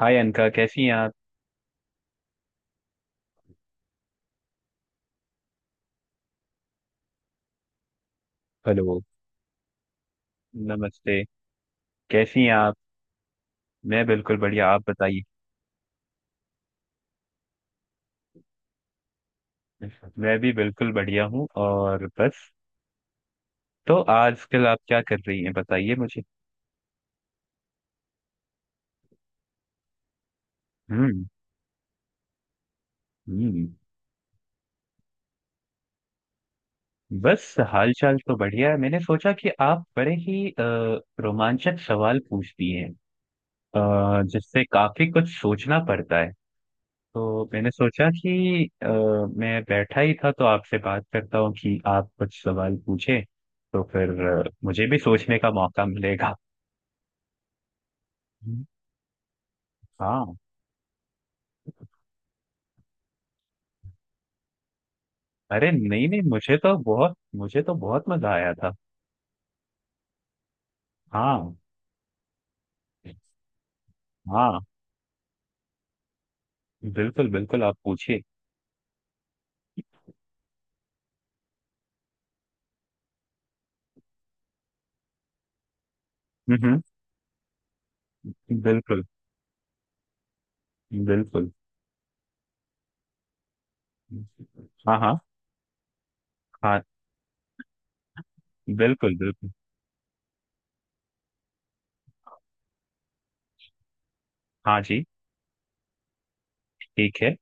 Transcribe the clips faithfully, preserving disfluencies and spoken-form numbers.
हाय अनका, कैसी हैं आप। हेलो। नमस्ते। कैसी हैं आप। मैं बिल्कुल बढ़िया। आप बताइए। मैं भी बिल्कुल बढ़िया हूँ। और बस तो आजकल आप क्या कर रही हैं बताइए मुझे। हम्म। हम्म। बस हाल चाल तो बढ़िया है। मैंने सोचा कि आप बड़े ही अ, रोमांचक सवाल पूछती हैं, अ, जिससे काफी कुछ सोचना पड़ता है। तो मैंने सोचा कि अ, मैं बैठा ही था तो आपसे बात करता हूँ कि आप कुछ सवाल पूछे, तो फिर अ, मुझे भी सोचने का मौका मिलेगा। हम्म। हाँ। अरे नहीं नहीं, मुझे तो बहुत मुझे तो बहुत मजा आया था। हाँ। हाँ। बिल्कुल बिल्कुल, आप पूछिए। हम्म। हम्म। बिल्कुल बिल्कुल। हाँ। हाँ। हाँ। बिल्कुल बिल्कुल। हाँ जी। ठीक है।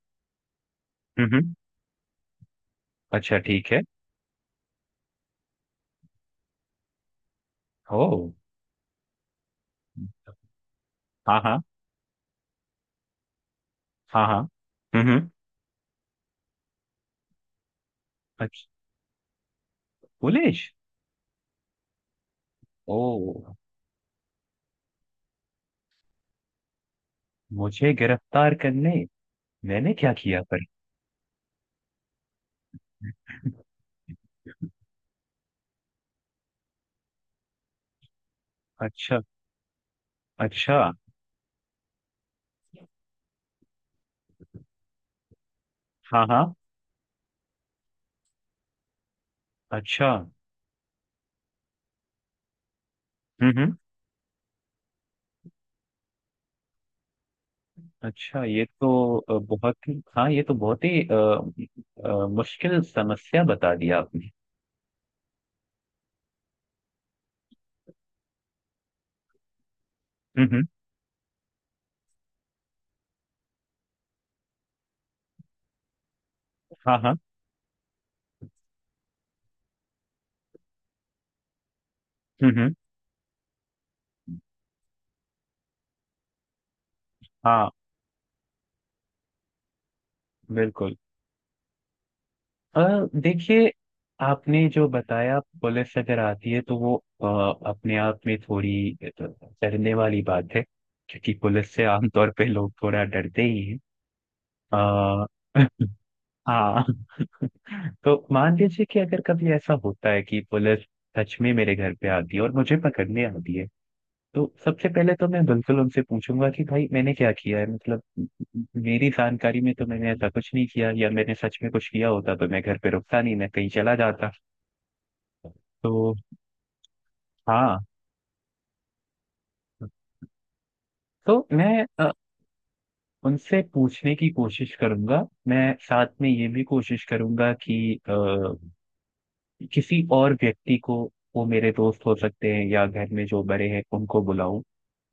हम्म। हम्म। अच्छा, ठीक है। ओ। हाँ। हाँ। हाँ। हाँ। हम्म। हम्म। अच्छा। पुलिस? ओ। मुझे गिरफ्तार करने? मैंने क्या किया पर? अच्छा। अच्छा। हाँ हाँ। अच्छा। हम्म। हम्म। अच्छा, ये तो अ, बहुत ही, हाँ ये तो बहुत ही अ, अ, मुश्किल समस्या बता दिया आपने। हम्म। हम्म। हाँ हाँ। हम्म। हम्म। हाँ। बिल्कुल। अ, देखिए, आपने जो बताया पुलिस अगर आती है तो वो अ, अपने आप में थोड़ी अ, डरने वाली बात है, क्योंकि पुलिस से आमतौर पे लोग थोड़ा डरते ही हैं। अ, हाँ। तो मान लीजिए कि अगर कभी ऐसा होता है कि पुलिस सच में मेरे घर पे आती है और मुझे पकड़ने आती है, तो सबसे पहले तो मैं बिल्कुल उनसे पूछूंगा कि भाई मैंने क्या किया है। मतलब मेरी जानकारी में तो मैंने ऐसा कुछ नहीं किया, या मैंने सच में कुछ किया होता तो मैं घर पे रुकता नहीं, मैं कहीं चला जाता। तो हाँ, तो मैं अ, उनसे पूछने की कोशिश करूंगा। मैं साथ में ये भी कोशिश करूंगा कि किसी और व्यक्ति को, वो मेरे दोस्त हो सकते हैं या घर में जो बड़े हैं, उनको बुलाऊं,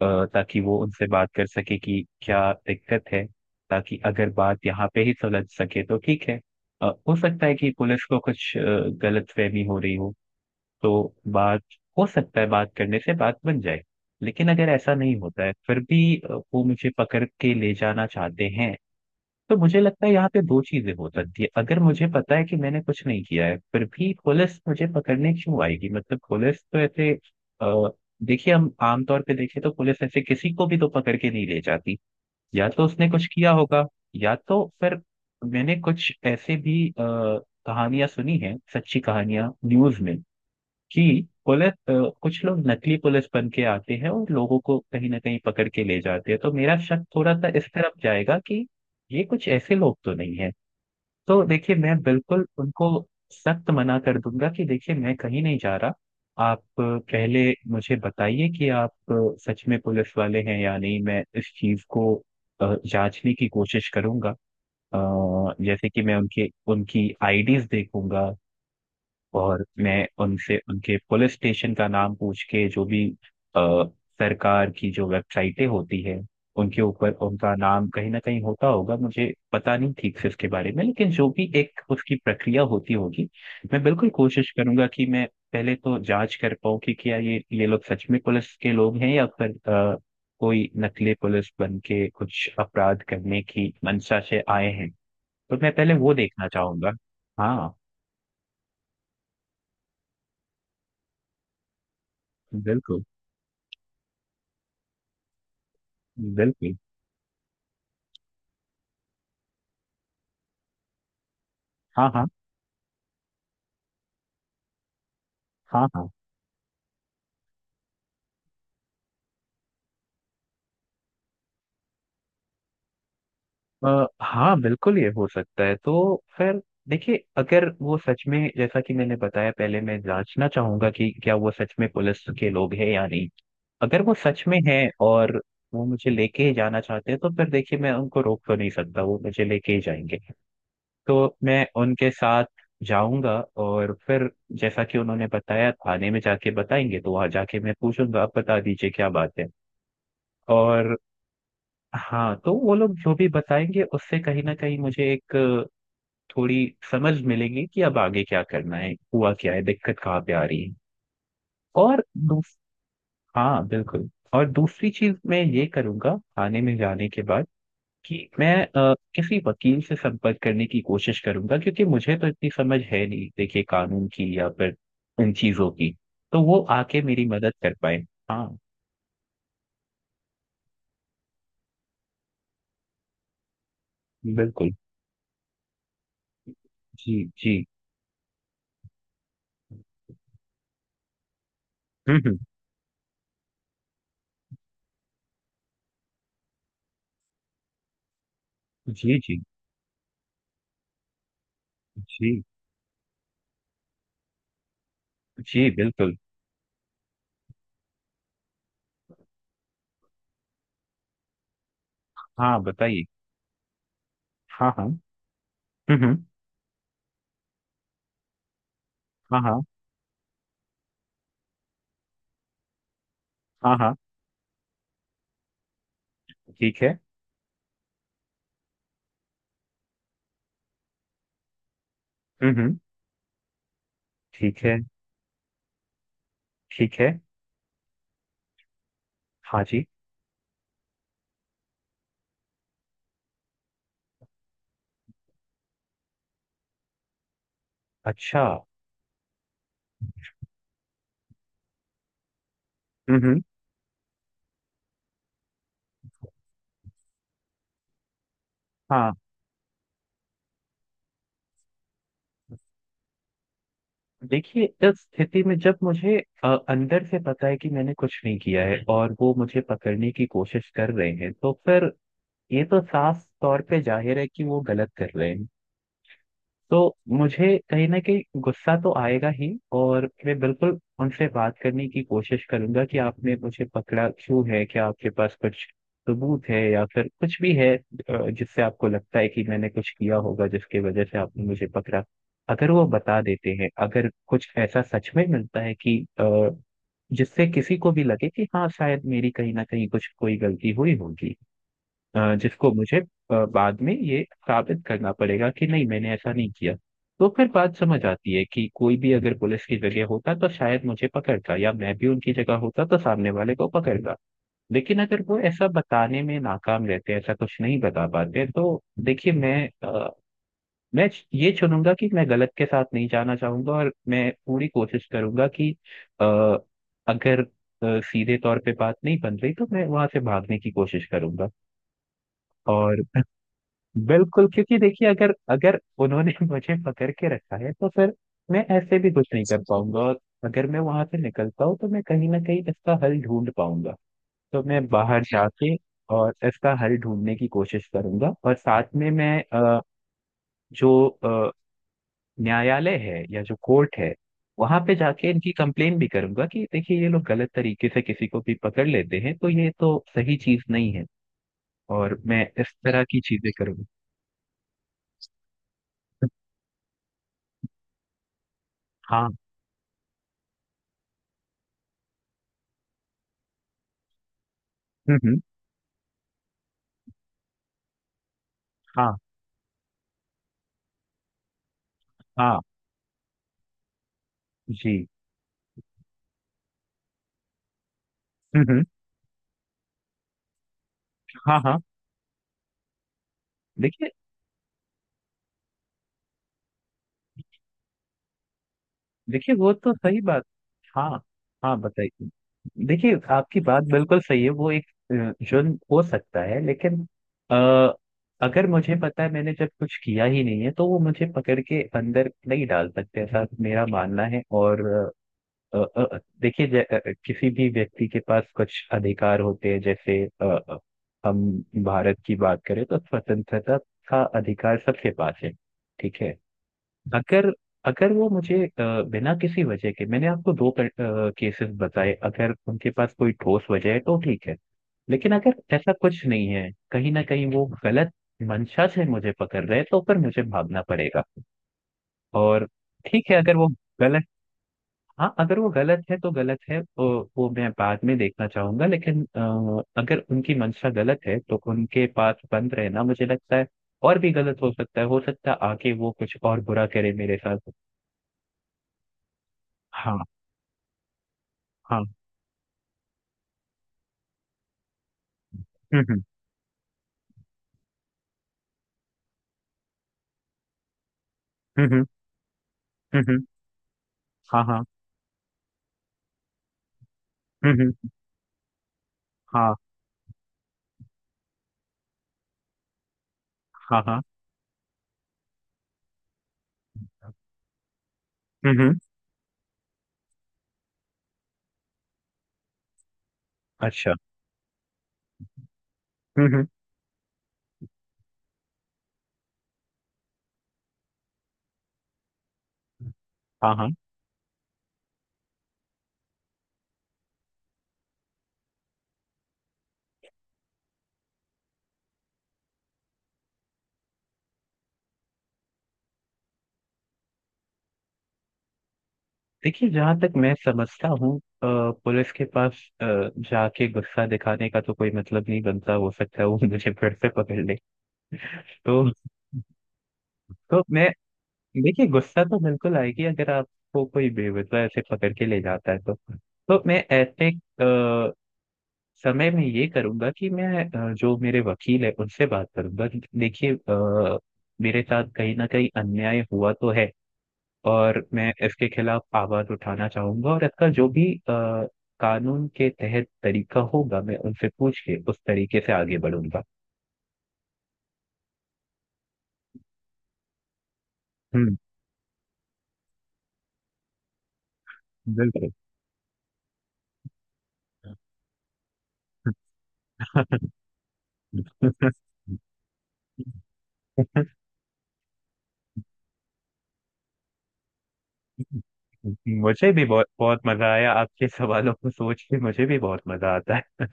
अ, ताकि वो उनसे बात कर सके कि क्या दिक्कत है। ताकि अगर बात यहाँ पे ही सुलझ सके तो ठीक है। अ, हो सकता है कि पुलिस को कुछ गलतफहमी हो रही हो, तो बात, हो सकता है बात करने से बात बन जाए। लेकिन अगर ऐसा नहीं होता है, फिर भी अ, वो मुझे पकड़ के ले जाना चाहते हैं, तो मुझे लगता है यहाँ पे दो चीजें हो सकती है। अगर मुझे पता है कि मैंने कुछ नहीं किया है, फिर भी पुलिस मुझे पकड़ने क्यों आएगी। मतलब पुलिस तो ऐसे, अ, देखिए, हम आमतौर पे देखें तो पुलिस ऐसे किसी को भी तो पकड़ के नहीं ले जाती। या तो उसने कुछ किया होगा, या तो फिर मैंने कुछ ऐसे भी अ, कहानियां सुनी हैं, सच्ची कहानियां न्यूज में जी। पुलिस, अ, कुछ लोग नकली पुलिस बन के आते हैं और लोगों को कहीं ना कहीं पकड़ के ले जाते हैं, तो मेरा शक थोड़ा सा इस तरफ जाएगा कि ये कुछ ऐसे लोग तो नहीं है। तो देखिए, मैं बिल्कुल उनको सख्त मना कर दूंगा कि देखिए मैं कहीं नहीं जा रहा। आप अ, पहले मुझे बताइए कि आप अ, सच में पुलिस वाले हैं या नहीं। मैं इस चीज को अ, जांचने की कोशिश करूंगा। अ, जैसे कि मैं उनके, उनकी आईडीज देखूंगा, और मैं उनसे उनके पुलिस स्टेशन का नाम पूछ के, जो भी अ, सरकार की जो वेबसाइटें होती है उनके ऊपर उनका नाम कहीं ना कहीं होता होगा, मुझे पता नहीं ठीक से उसके बारे में, लेकिन जो भी एक उसकी प्रक्रिया होती होगी, मैं बिल्कुल कोशिश करूंगा कि मैं पहले तो जांच कर पाऊँ कि क्या ये ये लोग सच में पुलिस के लोग हैं, या फिर अ, कोई नकली पुलिस बन के कुछ अपराध करने की मंशा से आए हैं। तो मैं पहले वो देखना चाहूंगा। हाँ। बिल्कुल बिल्कुल। हाँ। हाँ। हाँ। हाँ। अ, हाँ बिल्कुल, ये हो सकता है। तो फिर देखिए, अगर वो सच में, जैसा कि मैंने बताया पहले मैं जांचना चाहूंगा कि क्या वो सच में पुलिस के लोग हैं या नहीं। अगर वो सच में हैं और वो मुझे लेके ही जाना चाहते हैं, तो फिर देखिए मैं उनको रोक तो नहीं सकता, वो मुझे लेके ही जाएंगे। तो मैं उनके साथ जाऊंगा, और फिर जैसा कि उन्होंने बताया थाने में जाके बताएंगे, तो वहां जाके मैं पूछूंगा आप बता दीजिए क्या बात है। और हाँ, तो वो लोग जो भी बताएंगे उससे कहीं ना कहीं मुझे एक अ, थोड़ी समझ मिलेगी कि अब आगे क्या करना है, हुआ क्या है, दिक्कत कहाँ पे आ रही है। और दूस- हाँ बिल्कुल, और दूसरी चीज मैं ये करूंगा थाने में जाने के बाद कि मैं अ, किसी वकील से संपर्क करने की कोशिश करूंगा, क्योंकि मुझे तो इतनी समझ है नहीं देखिए, कानून की या फिर इन चीजों की, तो वो आके मेरी मदद कर पाए। हाँ बिल्कुल। जी। जी। हम्म। हम्म। जी। जी। जी। जी। बिल्कुल। हाँ बताइए। हाँ। हाँ। हम्म। हम्म। हाँ। हाँ। हाँ। हाँ। ठीक है। हम्म। हम्म। ठीक है। ठीक है। हाँ जी। अच्छा। हम्म। हम्म। हाँ। देखिए, इस स्थिति में जब मुझे अ, अंदर से पता है कि मैंने कुछ नहीं किया है और वो मुझे पकड़ने की कोशिश कर रहे हैं, तो फिर ये तो साफ तौर पे जाहिर है कि वो गलत कर रहे हैं। तो मुझे कहीं ना कहीं गुस्सा तो आएगा ही, और मैं बिल्कुल उनसे बात करने की कोशिश करूंगा कि आपने मुझे पकड़ा क्यों है, क्या आपके पास कुछ सबूत है या फिर कुछ भी है अ, जिससे आपको लगता है कि मैंने कुछ किया होगा जिसकी वजह से आपने मुझे पकड़ा। अगर वो बता देते हैं, अगर कुछ ऐसा सच में मिलता है कि अ, जिससे किसी को भी लगे कि हाँ शायद मेरी कहीं ना कहीं कुछ कोई गलती हुई होगी, अ, जिसको मुझे अ, बाद में ये साबित करना पड़ेगा कि नहीं मैंने ऐसा नहीं किया, तो फिर बात समझ आती है कि कोई भी अगर पुलिस की जगह होता तो शायद मुझे पकड़ता, या मैं भी उनकी जगह होता तो सामने वाले को पकड़ता। लेकिन अगर वो ऐसा बताने में नाकाम रहते हैं, ऐसा कुछ नहीं बता पाते, तो देखिए मैं अ, मैं ये चुनूंगा कि मैं गलत के साथ नहीं जाना चाहूंगा, और मैं पूरी कोशिश करूंगा कि अ, अगर अ, सीधे तौर पे बात नहीं बन रही तो मैं वहां से भागने की कोशिश करूंगा। और बिल्कुल, क्योंकि देखिए अगर, अगर उन्होंने मुझे पकड़ के रखा है तो फिर मैं ऐसे भी कुछ नहीं कर पाऊंगा, और अगर मैं वहां से निकलता हूँ तो मैं कहीं ना कहीं इसका हल ढूंढ पाऊंगा। तो मैं बाहर जाके और इसका हल ढूंढने की कोशिश करूंगा, और साथ में मैं अ, जो अ, न्यायालय है या जो कोर्ट है, वहां पे जाके इनकी कंप्लेन भी करूंगा कि देखिए ये लोग गलत तरीके से किसी को भी पकड़ लेते हैं, तो ये तो सही चीज नहीं है। और मैं इस तरह की चीजें करूंगा। हाँ। हम्म। हम्म। हाँ। हाँ जी। हम्म। हम्म। हाँ। हाँ। देखिए, देखिए वो तो सही बात, हाँ हाँ बताइए। देखिए, आपकी बात बिल्कुल सही है, वो एक अ, जुर्म हो सकता है, लेकिन आ, अगर मुझे पता है मैंने जब कुछ किया ही नहीं है, तो वो मुझे पकड़ के अंदर नहीं डाल सकते, ऐसा मेरा मानना है। और अ, अ, अ, देखिए जै- अ, अ, किसी भी व्यक्ति के पास कुछ अधिकार होते हैं, जैसे अ, अ, हम, भारत की बात करें तो स्वतंत्रता का अधिकार सबके पास है। ठीक है, अगर अगर वो मुझे अ, बिना किसी वजह के, मैंने आपको दो केसेस बताए, अगर उनके पास कोई ठोस वजह है तो ठीक है, लेकिन अगर ऐसा कुछ नहीं है, कहीं ना कहीं वो गलत मंशा से मुझे पकड़ रहे हैं, तो फिर मुझे भागना पड़ेगा। और ठीक है अगर वो गलत, हाँ, अगर वो गलत है तो गलत है, वो, वो मैं बाद में देखना चाहूंगा। लेकिन अ, अगर उनकी मंशा गलत है तो उनके पास बंद रहना मुझे लगता है और भी गलत हो सकता है, हो सकता है आगे वो कुछ और बुरा करे मेरे साथ। हाँ। हाँ। हम्म। हम्म। हम्म। हम्म। हम्म। हाँ। हाँ। हम्म। हम्म। हाँ। हाँ। हाँ। हम्म। हम्म। अच्छा। हम्म। हम्म। हाँ। हाँ। देखिए, जहाँ तक मैं समझता हूँ अ, पुलिस के पास अ, जाके गुस्सा दिखाने का तो कोई मतलब नहीं बनता, हो सकता है वो मुझे फिर से पकड़ ले। तो तो मैं, देखिए गुस्सा तो बिल्कुल आएगी अगर आपको कोई बेवजह ऐसे पकड़ के ले जाता है तो। तो मैं ऐसे समय मैं ये करूंगा कि मैं अ, जो मेरे वकील है उनसे बात करूंगा कि देखिए अ, मेरे साथ कहीं ना कहीं अन्याय हुआ तो है, और मैं इसके खिलाफ आवाज उठाना चाहूंगा, और इसका जो भी अ, कानून के तहत तरीका होगा, मैं उनसे पूछ के उस तरीके से आगे बढ़ूंगा। हम्म। बिल्कुल। मुझे भी बहुत बहुत मजा आया, आपके सवालों को सोच के मुझे भी बहुत मजा आता है।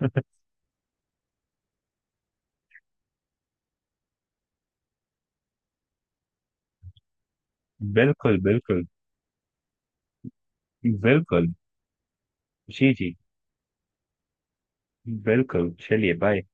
बिल्कुल बिल्कुल। बिल्कुल। जी। जी। बिल्कुल, चलिए बाय।